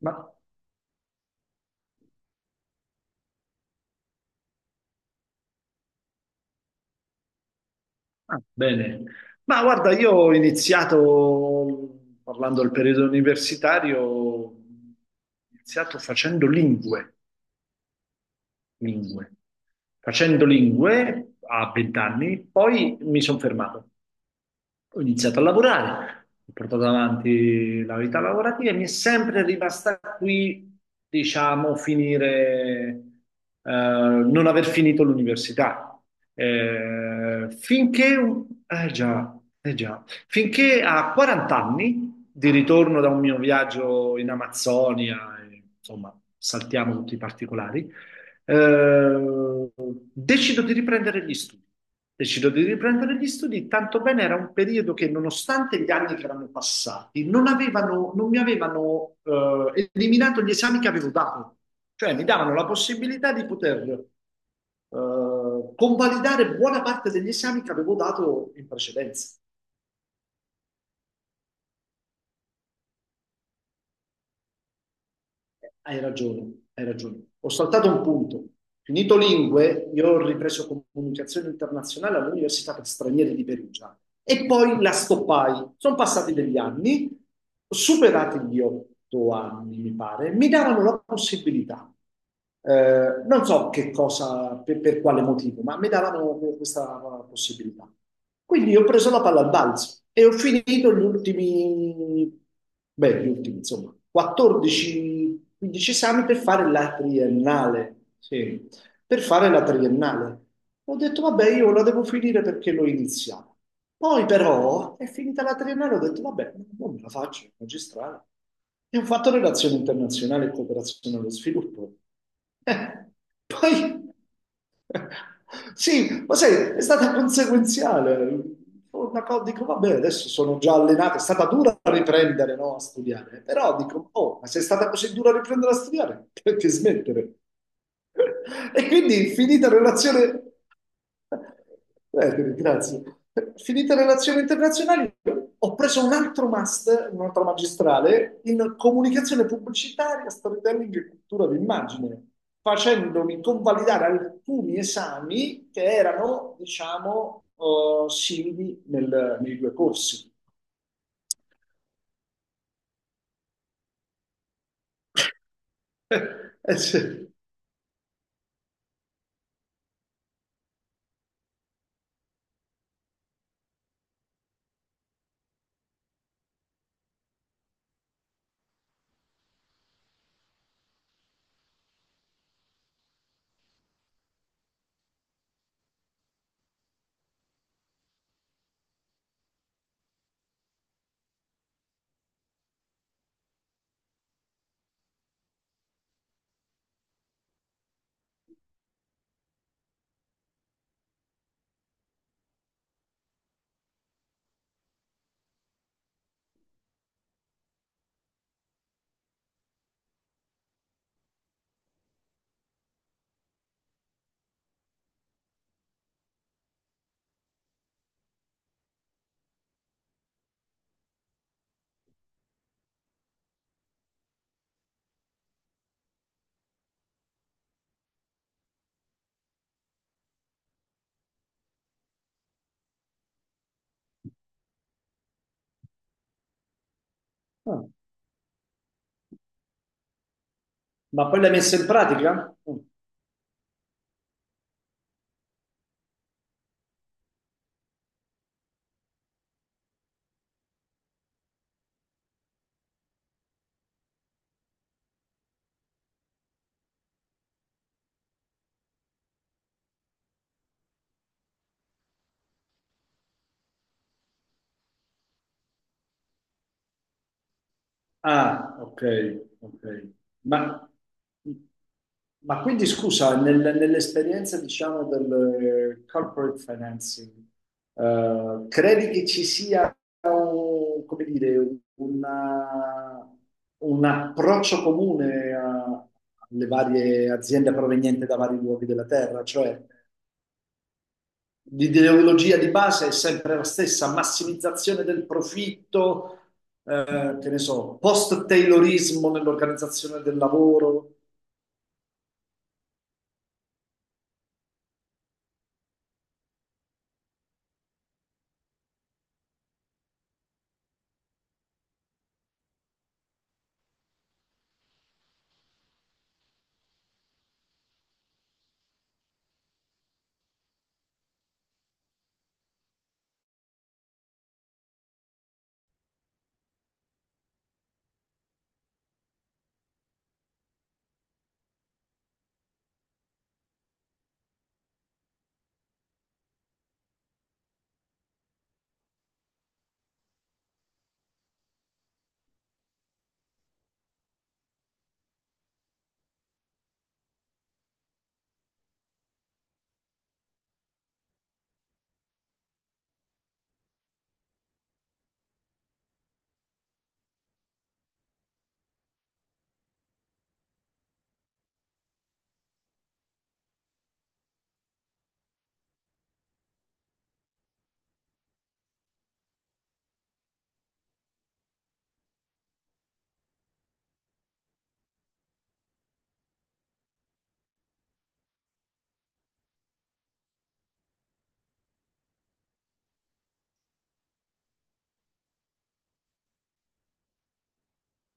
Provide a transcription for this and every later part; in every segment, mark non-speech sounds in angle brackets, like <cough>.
Ma, ah, bene. Ma guarda, io ho iniziato, parlando del periodo universitario, ho iniziato facendo lingue. Facendo lingue a 20 anni, poi mi sono fermato. Ho iniziato a lavorare, ho portato avanti la vita lavorativa e mi è sempre rimasta qui, diciamo, finire, non aver finito l'università. Finché, eh già, finché a 40 anni, di ritorno da un mio viaggio in Amazzonia, e, insomma, saltiamo tutti i particolari, eh, decido di riprendere gli studi. Decido di riprendere gli studi, tanto bene era un periodo che, nonostante gli anni che erano passati, non mi avevano eliminato gli esami che avevo dato. Cioè, mi davano la possibilità di poter convalidare buona parte degli esami che avevo dato in precedenza. Hai ragione, hai ragione. Ho saltato un punto. Finito lingue, io ho ripreso comunicazione internazionale all'Università per Stranieri di Perugia e poi la stoppai. Sono passati degli anni, ho superati gli 8 anni, mi pare, mi davano la possibilità. Non so che cosa, per quale motivo, ma mi davano questa possibilità. Quindi io ho preso la palla al balzo e ho finito gli ultimi, beh, gli ultimi, insomma, 14-15 esami per fare la triennale. Sì, per fare la triennale. Ho detto, vabbè, io la devo finire perché l'ho iniziata. Poi però è finita la triennale, ho detto, vabbè, non me la faccio, magistrale. E ho fatto relazioni internazionali e cooperazione allo sviluppo. Eh, poi sì, ma sai, è stata conseguenziale. Una cosa, dico, vabbè, adesso sono già allenato, è stata dura a riprendere, no, a studiare, però dico, oh, ma se è stata così dura a riprendere a studiare, <laughs> perché smettere? E quindi finita relazione, grazie, finita relazioni internazionali, ho preso un altro master, un'altra magistrale in comunicazione pubblicitaria, storytelling e cultura d'immagine facendomi convalidare alcuni esami che erano, diciamo, simili nei due corsi. <laughs> Sì. Ah, ma poi l'hai messa in pratica? Mm. Ah, ok, ok. Ma, ma quindi scusa, nell'esperienza diciamo del corporate financing, credi che ci sia, come dire, una- un approccio comune alle varie aziende provenienti da vari luoghi della terra? Cioè, l'ideologia di base è sempre la stessa, massimizzazione del profitto, che ne so, post-taylorismo nell'organizzazione del lavoro.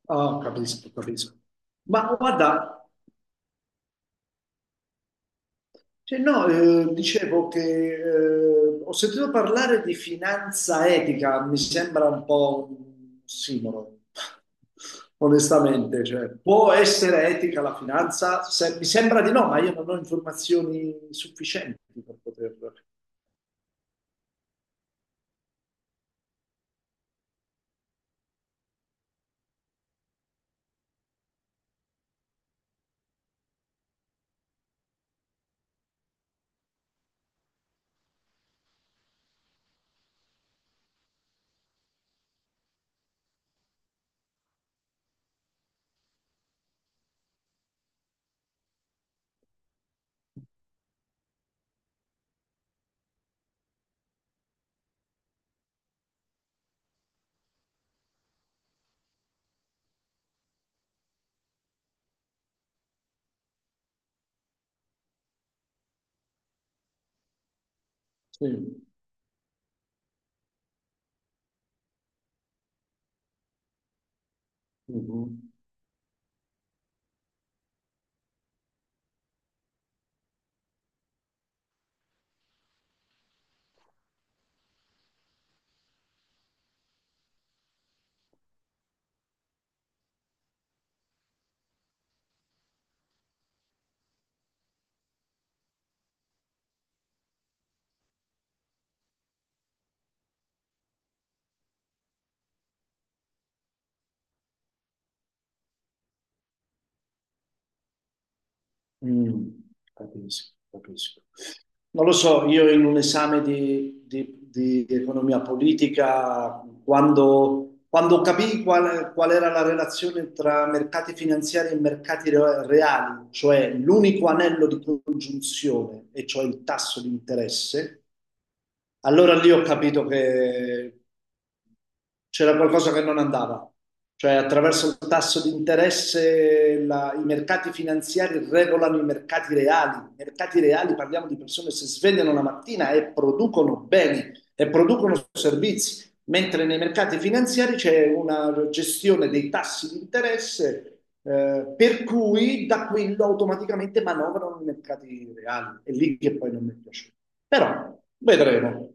Ah, capisco, capisco. Ma guarda, cioè, no, dicevo che ho sentito parlare di finanza etica, mi sembra un po' un simolo, onestamente. Cioè, può essere etica la finanza? Se- mi sembra di no, ma io non ho informazioni sufficienti per poter... Sì. Mhm. Mm. Capisco, capisco. Non lo so, io in un esame di economia politica, quando capii qual era la relazione tra mercati finanziari e mercati reali, cioè l'unico anello di congiunzione, e cioè il tasso di interesse, allora lì ho capito che c'era qualcosa che non andava, cioè attraverso il tasso di interesse i mercati finanziari regolano i mercati reali. I mercati reali parliamo di persone che si svegliano la mattina e producono beni e producono servizi, mentre nei mercati finanziari c'è una gestione dei tassi di interesse. Eh, per cui da quello automaticamente manovrano i mercati reali. È lì che poi non mi piace. Però vedremo.